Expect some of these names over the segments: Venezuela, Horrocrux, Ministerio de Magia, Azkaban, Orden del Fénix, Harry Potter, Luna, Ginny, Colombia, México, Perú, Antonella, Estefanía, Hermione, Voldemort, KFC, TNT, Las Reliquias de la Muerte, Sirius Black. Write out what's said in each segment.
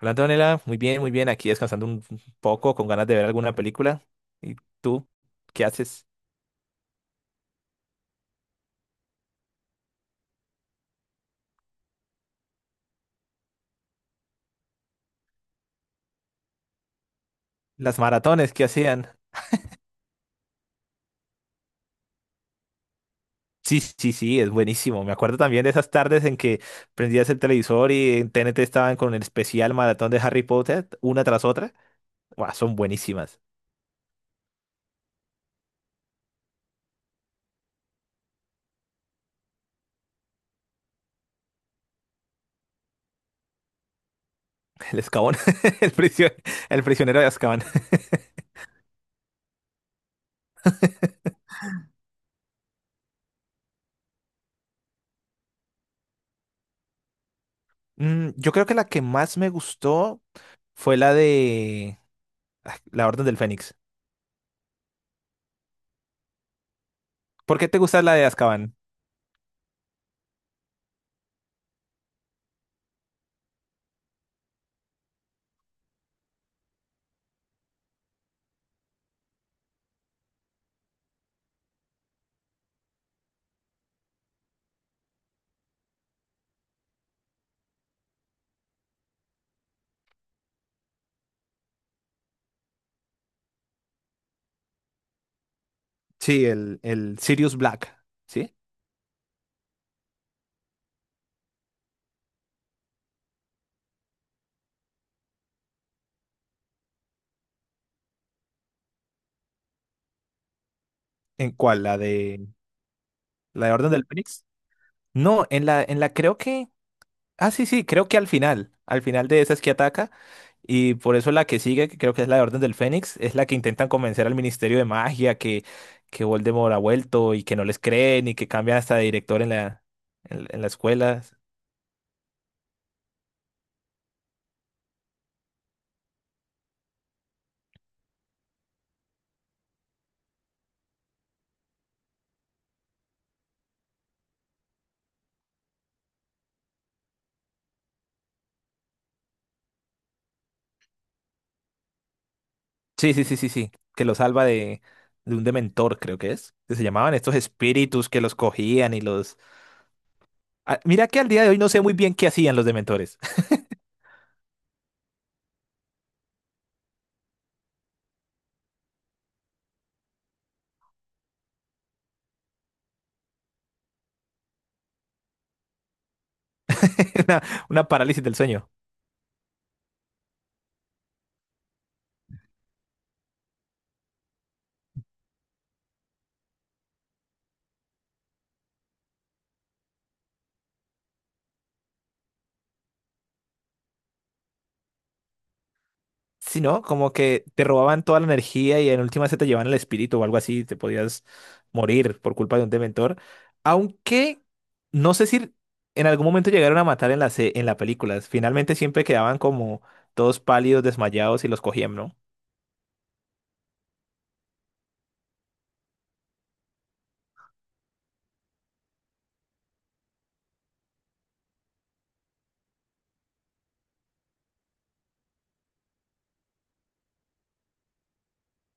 Hola Antonella, muy bien, muy bien. Aquí descansando un poco con ganas de ver alguna película. ¿Y tú qué haces? Las maratones que hacían. Sí, sí, sí, es buenísimo. Me acuerdo también de esas tardes en que prendías el televisor y en TNT estaban con el especial maratón de Harry Potter, una tras otra. Buah, son buenísimas. El Azkaban, el prisio- el prisionero de Azkaban. Mm, yo creo que la que más me gustó fue la de La Orden del Fénix. ¿Por qué te gusta la de Azkaban? Sí, el Sirius Black. ¿Sí? ¿En cuál? La de Orden del Fénix? No, en la creo que. Ah, sí, sí, creo que al final. Al final de esa es que ataca. Y por eso la que sigue, que creo que es la de Orden del Fénix, es la que intentan convencer al Ministerio de Magia que Voldemort ha vuelto y que no les creen y que cambian hasta de director en la, en la escuela. Sí, sí, sí, sí, sí. Que lo salva de un dementor, creo que es. Que se llamaban estos espíritus que los cogían y los. Ah, mira que al día de hoy no sé muy bien qué hacían los dementores. Una, una parálisis del sueño. Sí, ¿no? Como que te robaban toda la energía y en última se te llevaban el espíritu o algo así, te podías morir por culpa de un dementor. Aunque no sé si en algún momento llegaron a matar en la, en la película. Finalmente siempre quedaban como todos pálidos, desmayados y los cogían, ¿no?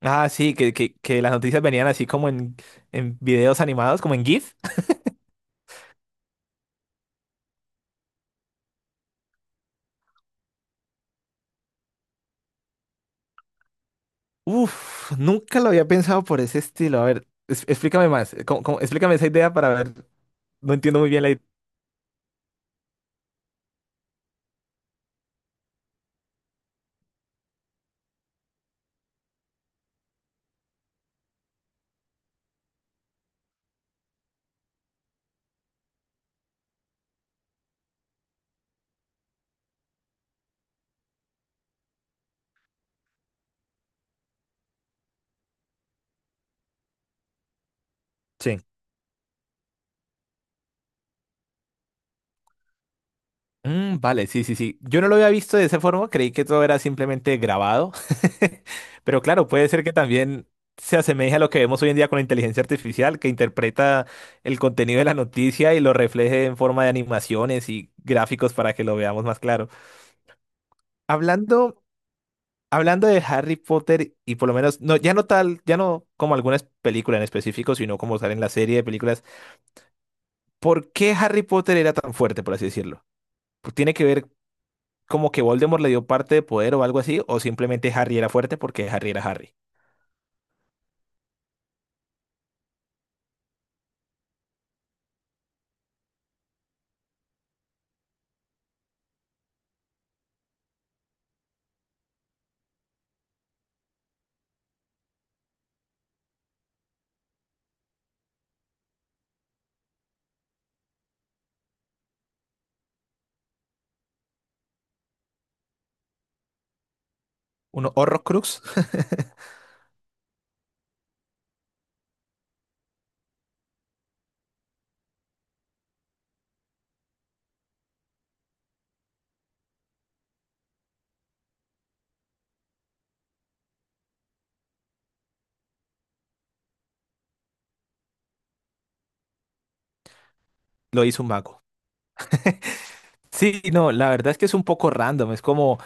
Ah, sí, que las noticias venían así como en videos animados, como en GIF. Uf, nunca lo había pensado por ese estilo. A ver, explícame más. Explícame esa idea para ver. No entiendo muy bien la idea. Mm, vale, sí, sí, sí. Yo no lo había visto de esa forma, creí que todo era simplemente grabado. Pero claro, puede ser que también se asemeje a lo que vemos hoy en día con la inteligencia artificial, que interpreta el contenido de la noticia y lo refleje en forma de animaciones y gráficos para que lo veamos más claro. Hablando, hablando de Harry Potter y por lo menos, no, ya no tal, ya no como algunas películas en específico, sino como sale en la serie de películas, ¿por qué Harry Potter era tan fuerte, por así decirlo? ¿Tiene que ver como que Voldemort le dio parte de poder o algo así, o simplemente Harry era fuerte porque Harry era Harry? Uno, Horrocrux, lo hizo un mago. Sí, no, la verdad es que es un poco random. Es como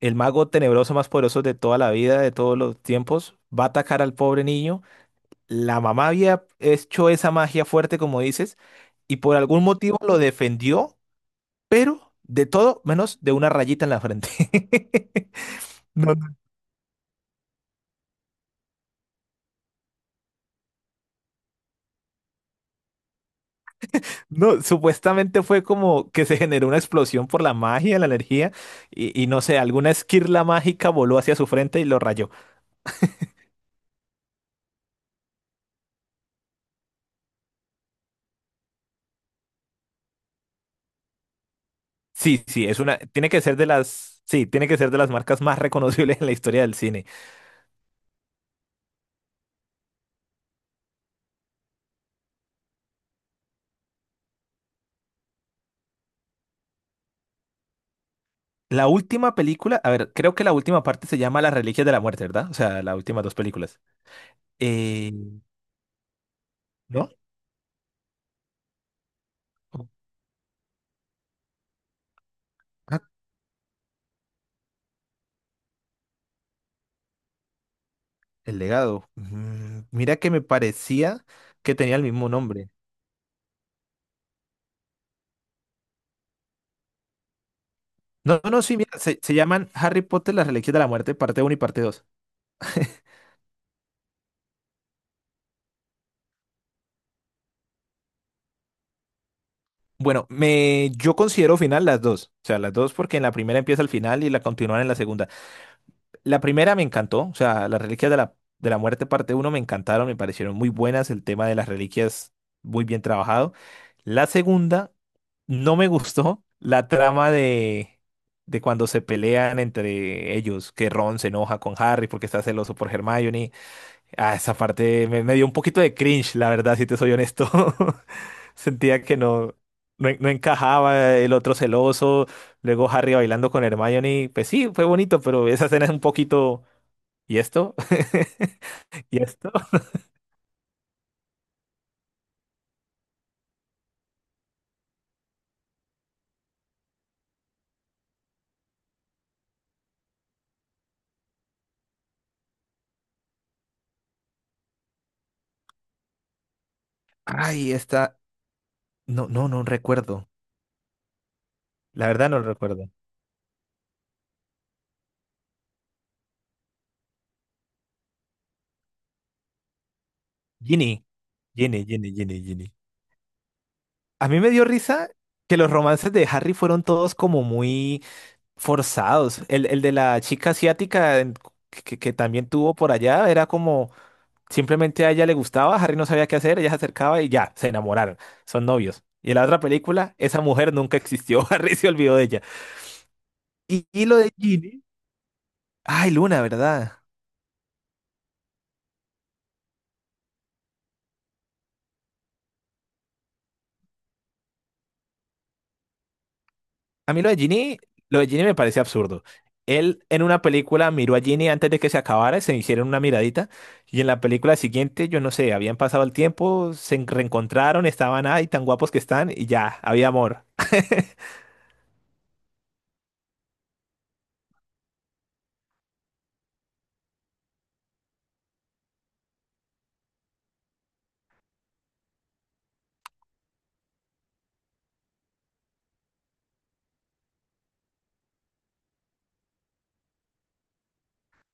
el mago tenebroso más poderoso de toda la vida, de todos los tiempos, va a atacar al pobre niño. La mamá había hecho esa magia fuerte, como dices, y por algún motivo lo defendió, pero de todo menos de una rayita en la frente. No, No, supuestamente fue como que se generó una explosión por la magia, la energía, y no sé, alguna esquirla mágica voló hacia su frente y lo rayó. Sí, sí, es una, tiene que ser de las, sí, tiene que ser de las marcas más reconocibles en la historia del cine. La última película, a ver, creo que la última parte se llama Las Reliquias de la Muerte, ¿verdad? O sea, las últimas dos películas. Eh, ¿No? Ah, El Legado. Mm, mira que me parecía que tenía el mismo nombre. No, no, no, sí, mira, se llaman Harry Potter, Las Reliquias de la Muerte, parte uno y parte 2. Bueno, yo considero final las dos, o sea, las dos porque en la primera empieza el final y la continúan en la segunda. La primera me encantó, o sea, las reliquias de la muerte parte uno me encantaron, me parecieron muy buenas, el tema de las reliquias muy bien trabajado. La segunda no me gustó, la trama de cuando se pelean entre ellos, que Ron se enoja con Harry porque está celoso por Hermione. Ah, esa parte me dio un poquito de cringe, la verdad, si te soy honesto. Sentía que no, no, no encajaba el otro celoso, luego Harry bailando con Hermione. Pues sí, fue bonito, pero esa escena es un poquito... ¿Y esto? ¿Y esto? Ay, esta... No, no, no recuerdo. La verdad no recuerdo. Ginny. Ginny, Ginny, Ginny, Ginny. A mí me dio risa que los romances de Harry fueron todos como muy... forzados. El de la chica asiática que también tuvo por allá era como simplemente a ella le gustaba, Harry no sabía qué hacer, ella se acercaba y ya, se enamoraron, son novios. Y en la otra película, esa mujer nunca existió. Harry se olvidó de ella. Y lo de Ginny, ay, Luna, ¿verdad? A mí lo de Genie me parece absurdo. Él en una película miró a Genie antes de que se acabara, se hicieron una miradita y en la película siguiente, yo no sé, habían pasado el tiempo, reencontraron, estaban ahí tan guapos que están y ya, había amor.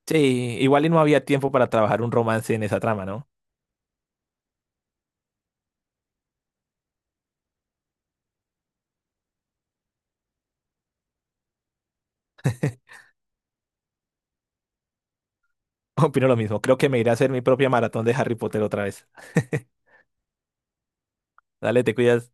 Sí, igual y no había tiempo para trabajar un romance en esa trama, ¿no? Opino lo mismo, creo que me iré a hacer mi propia maratón de Harry Potter otra vez. Dale, te cuidas.